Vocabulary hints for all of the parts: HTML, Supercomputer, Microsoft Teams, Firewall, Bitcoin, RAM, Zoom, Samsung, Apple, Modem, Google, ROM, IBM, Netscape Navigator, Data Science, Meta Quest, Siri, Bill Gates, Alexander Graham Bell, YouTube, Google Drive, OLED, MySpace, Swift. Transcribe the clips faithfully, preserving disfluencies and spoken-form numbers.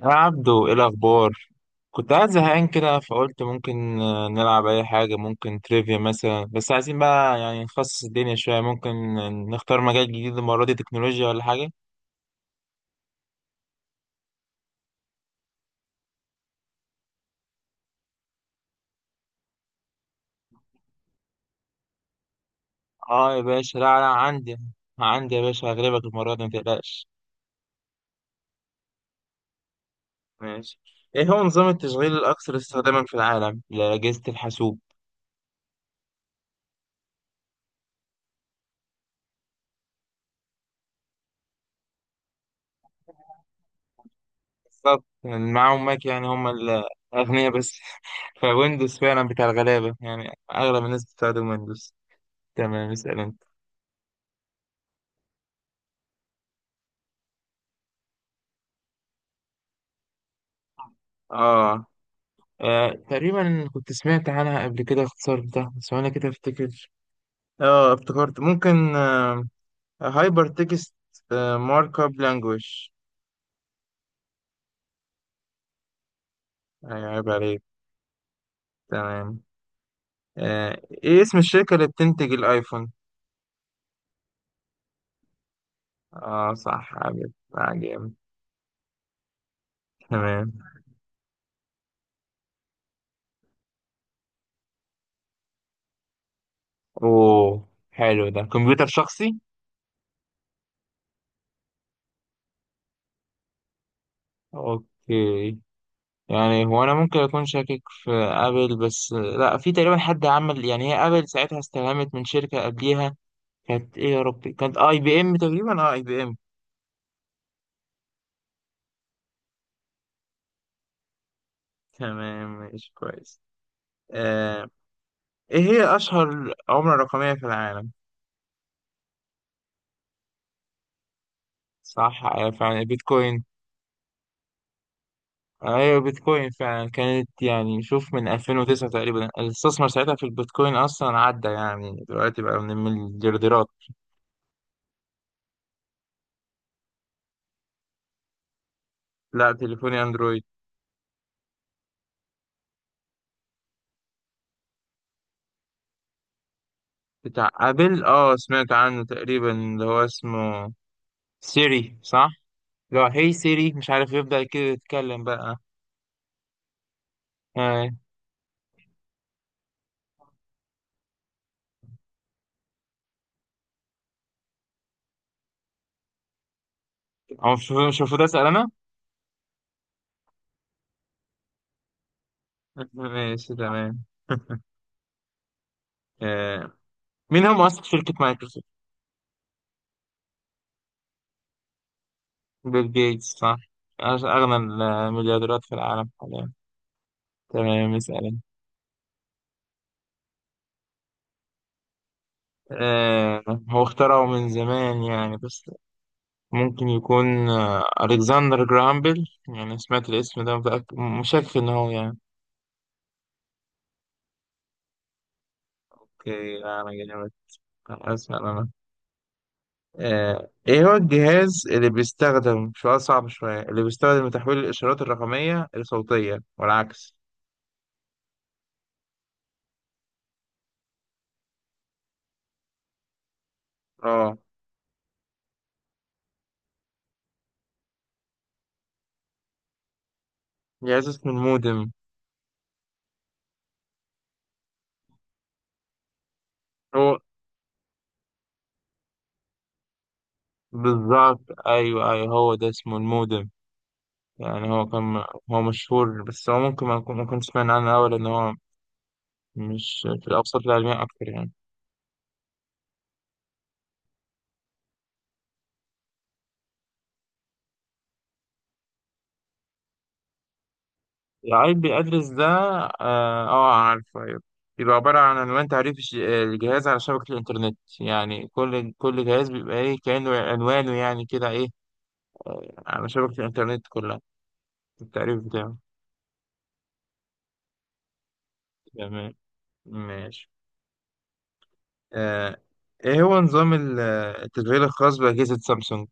يا عبدو، ايه الاخبار؟ كنت قاعد زهقان كده فقلت ممكن آه، نلعب اي حاجه. ممكن تريفيا مثلا، بس عايزين بقى يعني نخصص الدنيا شويه. ممكن نختار مجال جديد، المره دي تكنولوجيا ولا حاجه. اه يا باشا، لا لا، عندي عندي يا باشا، هغلبك المره دي ما تقلقش. ماشي. ايه هو نظام التشغيل الاكثر استخداما في العالم لاجهزه الحاسوب؟ بالظبط، يعني معاهم ماك، يعني هم الاغنياء بس فويندوز فعلا بتاع الغلابه، يعني اغلب الناس بتستخدم ويندوز. تمام، اسال انت. اه، آه تقريبا كنت سمعت عنها قبل كده، اختصار بتاعها بس انا كده افتكر. اه، افتكرت ممكن هايبر تكست مارك اب لانجويج. عيب عليك. تمام. آه ايه اسم الشركة اللي بتنتج الايفون؟ اه صح، عجب عجب. تمام. اوه حلو، ده كمبيوتر شخصي. اوكي. يعني هو انا ممكن اكون شاكك في ابل، بس لا في تقريبا حد عمل، يعني هي ابل ساعتها استلهمت من شركة قبليها. كانت ايه يا ربي؟ كانت اي بي ام تقريبا، اه اي بي ام. تمام ماشي كويس. آه. ايه هي اشهر عملة رقمية في العالم؟ صح، آه، فعلا بيتكوين. ايوه بيتكوين فعلا كانت، يعني شوف من ألفين وتسعة تقريبا الاستثمار ساعتها في البيتكوين، اصلا عدى يعني دلوقتي بقى من المليارديرات. لا تليفوني اندرويد. بتاع ابل، اه سمعت عنه تقريبا، اللي هو اسمه سيري صح؟ اللي هو هي سيري، مش عارف يبدأ كده يتكلم بقى. آه. هو مش مش المفروض اسأل انا؟ ماشي تمام. آه. مين هو مؤسس شركة مايكروسوفت؟ بيل جيتس صح. أش- أغنى المليارديرات في العالم حاليا. تمام، اسأل. آه. هو اخترعه من زمان يعني، بس ممكن يكون آه. ألكسندر جراهام بيل، يعني سمعت الاسم ده، متأكد مشكك إن هو يعني. أوكي لا، أنا جامد. أسأل أنا. آه. إيه هو الجهاز اللي بيستخدم، سؤال صعب شوية، اللي بيستخدم لتحويل الإشارات الرقمية لصوتية والعكس؟ اه، جهاز اسمه المودم. هو بالظبط. أيوه أيوه، هو ده اسمه المودم. يعني هو كان، هو مشهور بس هو ممكن ما أكون ما كنت سمعنا عنه أوي، لأن هو مش في الأوساط العلمية أكتر يعني. العيب بيأدرس ده آه آه، عارفه أيوه. بيبقى عبارة عن عنوان تعريف الج- الجهاز على شبكة الإنترنت، يعني كل كل جهاز بيبقى إيه، كأنه عنوانه يعني كده إيه، آه، على شبكة الإنترنت كلها التعريف بتاعه. تمام، ماشي. آه إيه هو نظام ال- التشغيل الخاص بأجهزة سامسونج؟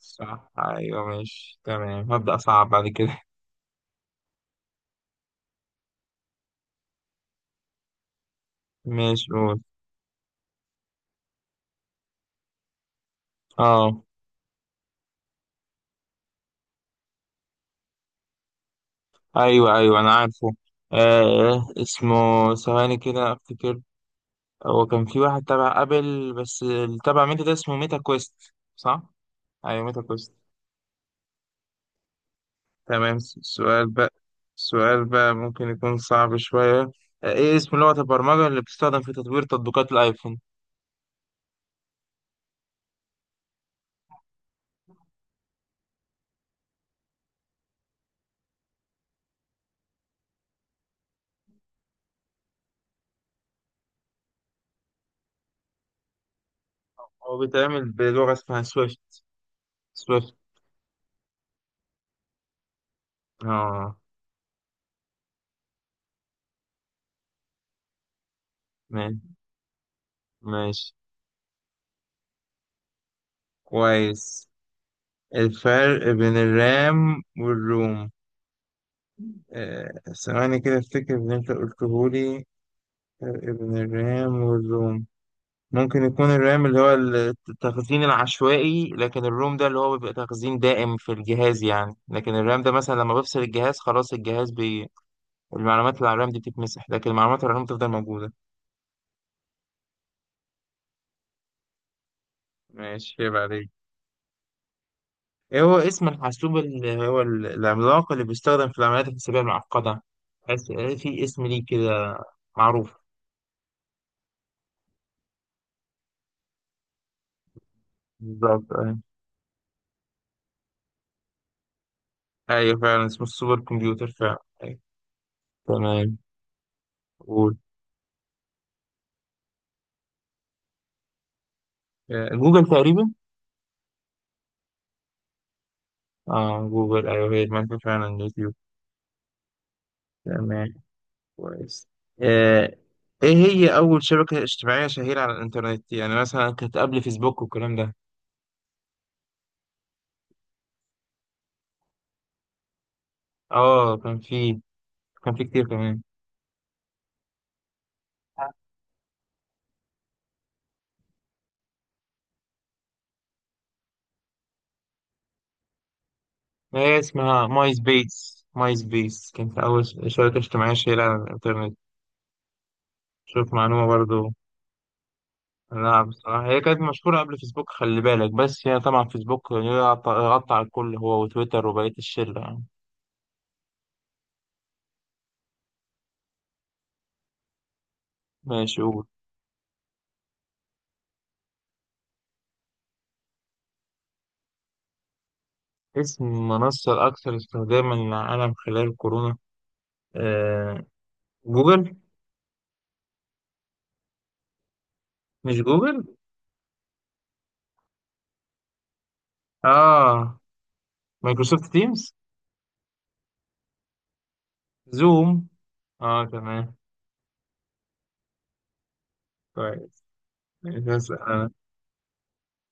صح ايوه، ماشي تمام، هبدأ صعب بعد كده. ماشي قول. اه ايوه ايوه، انا عارفه. آه اسمه، ثواني كده افتكر، هو كان في واحد تبع ابل بس اللي تبع ميتا ده اسمه ميتا كويست صح؟ ايوه ميتا كويست. تمام، س- سؤال بقى. سؤال بقى ممكن يكون صعب شوية. آه ايه اسم لغة البرمجة اللي بتستخدم في تطوير تطبيقات الايفون؟ هو بيتعمل بلغة اسمها سويفت. سويفت. اه ماشي. ماشي كويس. الفرق بين الرام والروم. آه، ثواني كده افتكر اللي انت قلتهولي. فرق بين الرام والروم. ممكن يكون الرام اللي هو التخزين العشوائي، لكن الروم ده اللي هو بيبقى تخزين دائم في الجهاز يعني. لكن الرام ده مثلا لما بفصل الجهاز خلاص الجهاز بي... المعلومات اللي على الرام دي بتتمسح، لكن المعلومات على الروم تفضل موجودة. ماشي، يبقى عليك. ايه هو اسم الحاسوب اللي هو ال- العملاق اللي بيستخدم في العمليات الحسابية المعقدة؟ حاسس في اسم ليه كده، معروف. بالظبط أيوة. أيوة فعلا اسمه السوبر كمبيوتر فعلا أيوة. تمام. قول. آه، جوجل تقريبا. اه جوجل أيوة، هي المنفى فعلا يوتيوب. تمام كويس. آه، إيه هي أول شبكة اجتماعية شهيرة على الإنترنت، يعني مثلا كانت قبل فيسبوك والكلام ده؟ اه كان في، كان في كتير كمان. هي اسمها ماي سبيس. ماي سبيس كانت أول شبكة اجتماعية شهيرة على الإنترنت. شوف معلومة برضو. لا بصراحة هي كانت مشهورة قبل فيسبوك خلي بالك، بس هي طبعا فيسبوك غطى غطى على الكل، هو وتويتر وبقية الشلة يعني. ماشي قول. اسم المنصة الأكثر استخداما للعالم خلال كورونا. آه جوجل. مش جوجل. آه مايكروسوفت تيمز. زوم. آه تمام كويس. ماشي، هسأل أنا.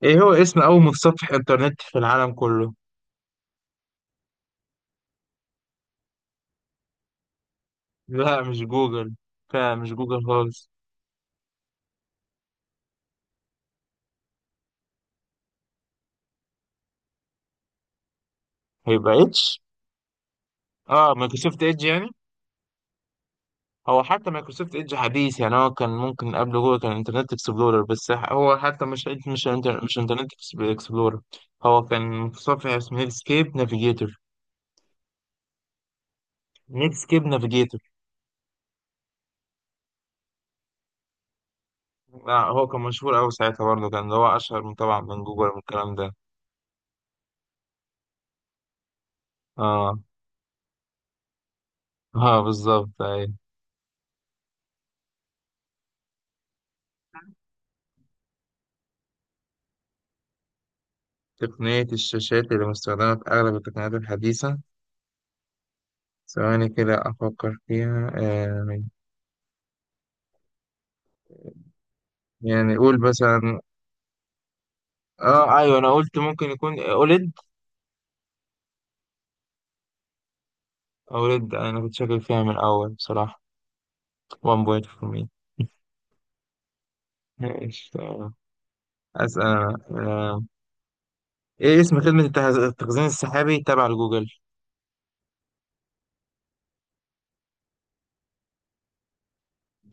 إيه هو اسم أول متصفح إنترنت في العالم كله؟ لا مش جوجل. لا مش جوجل خالص. هيبقى إتش. آه مايكروسوفت إيدج يعني. هو حتى مايكروسوفت ايدج حديث، يعني هو كان ممكن قبل جوجل كان انترنت اكسبلورر، بس هو حتى مش مش انتر مش انترنت اكسبلورر. هو كان متصفح اسمه نيتسكيب نافيجيتور. نيتسكيب نافيجيتور. هو كان مشهور قوي ساعتها برضه، كان ده هو اشهر من طبعا من جوجل والكلام ده. اه اه بالظبط ايوه. تقنية الشاشات اللي مستخدمة في أغلب التقنيات الحديثة. ثواني كده أفكر فيها آه يعني قول مثلا. اه ايوه، انا قلت ممكن يكون اوليد. أولد، أنا كنت شاكك فيها من الأول بصراحة. one point for me. ماشي تمام. أسأل أنا آه، إيه اسم خدمة التح- التخزين السحابي تبع لجوجل؟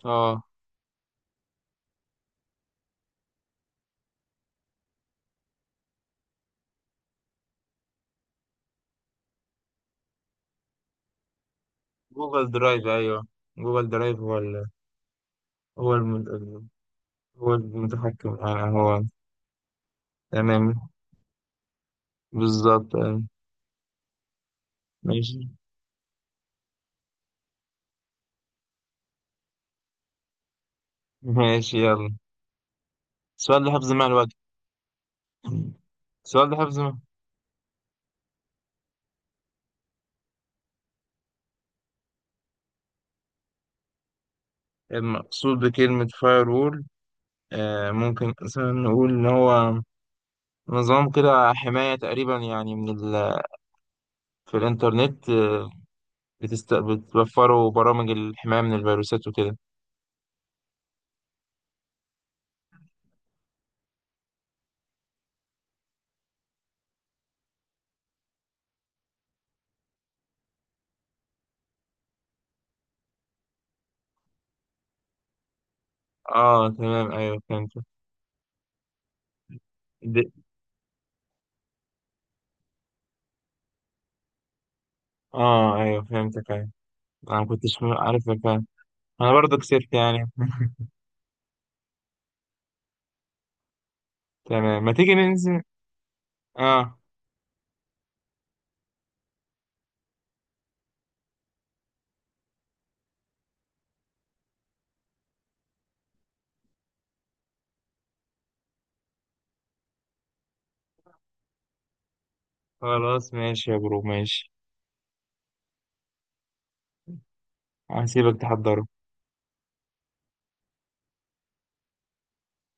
آه جوجل درايف أيوه. جوجل درايف هو ال هو الم... هو المتحكم آه هو تمام. بالظبط آه. ماشي. ماشي يلا. السؤال ده حفظ مع الوقت. السؤال ده حفظ مع. المقصود بكلمة فاير وول. آه ممكن مثلا نقول إن هو نظام كده حماية تقريبا، يعني من في الإنترنت آه، بتست... بتوفروا برامج الحماية من الفيروسات وكده. اه تمام ايوه، فهمت. دي... اه ايوه فهمتك ايوه. انا ما كنتش عارف، فاهم. انا برضه كسبت يعني تمام، ما تيجي ننزل. اه. خلاص ماشي يا برو، ماشي. هسيبك تحضر.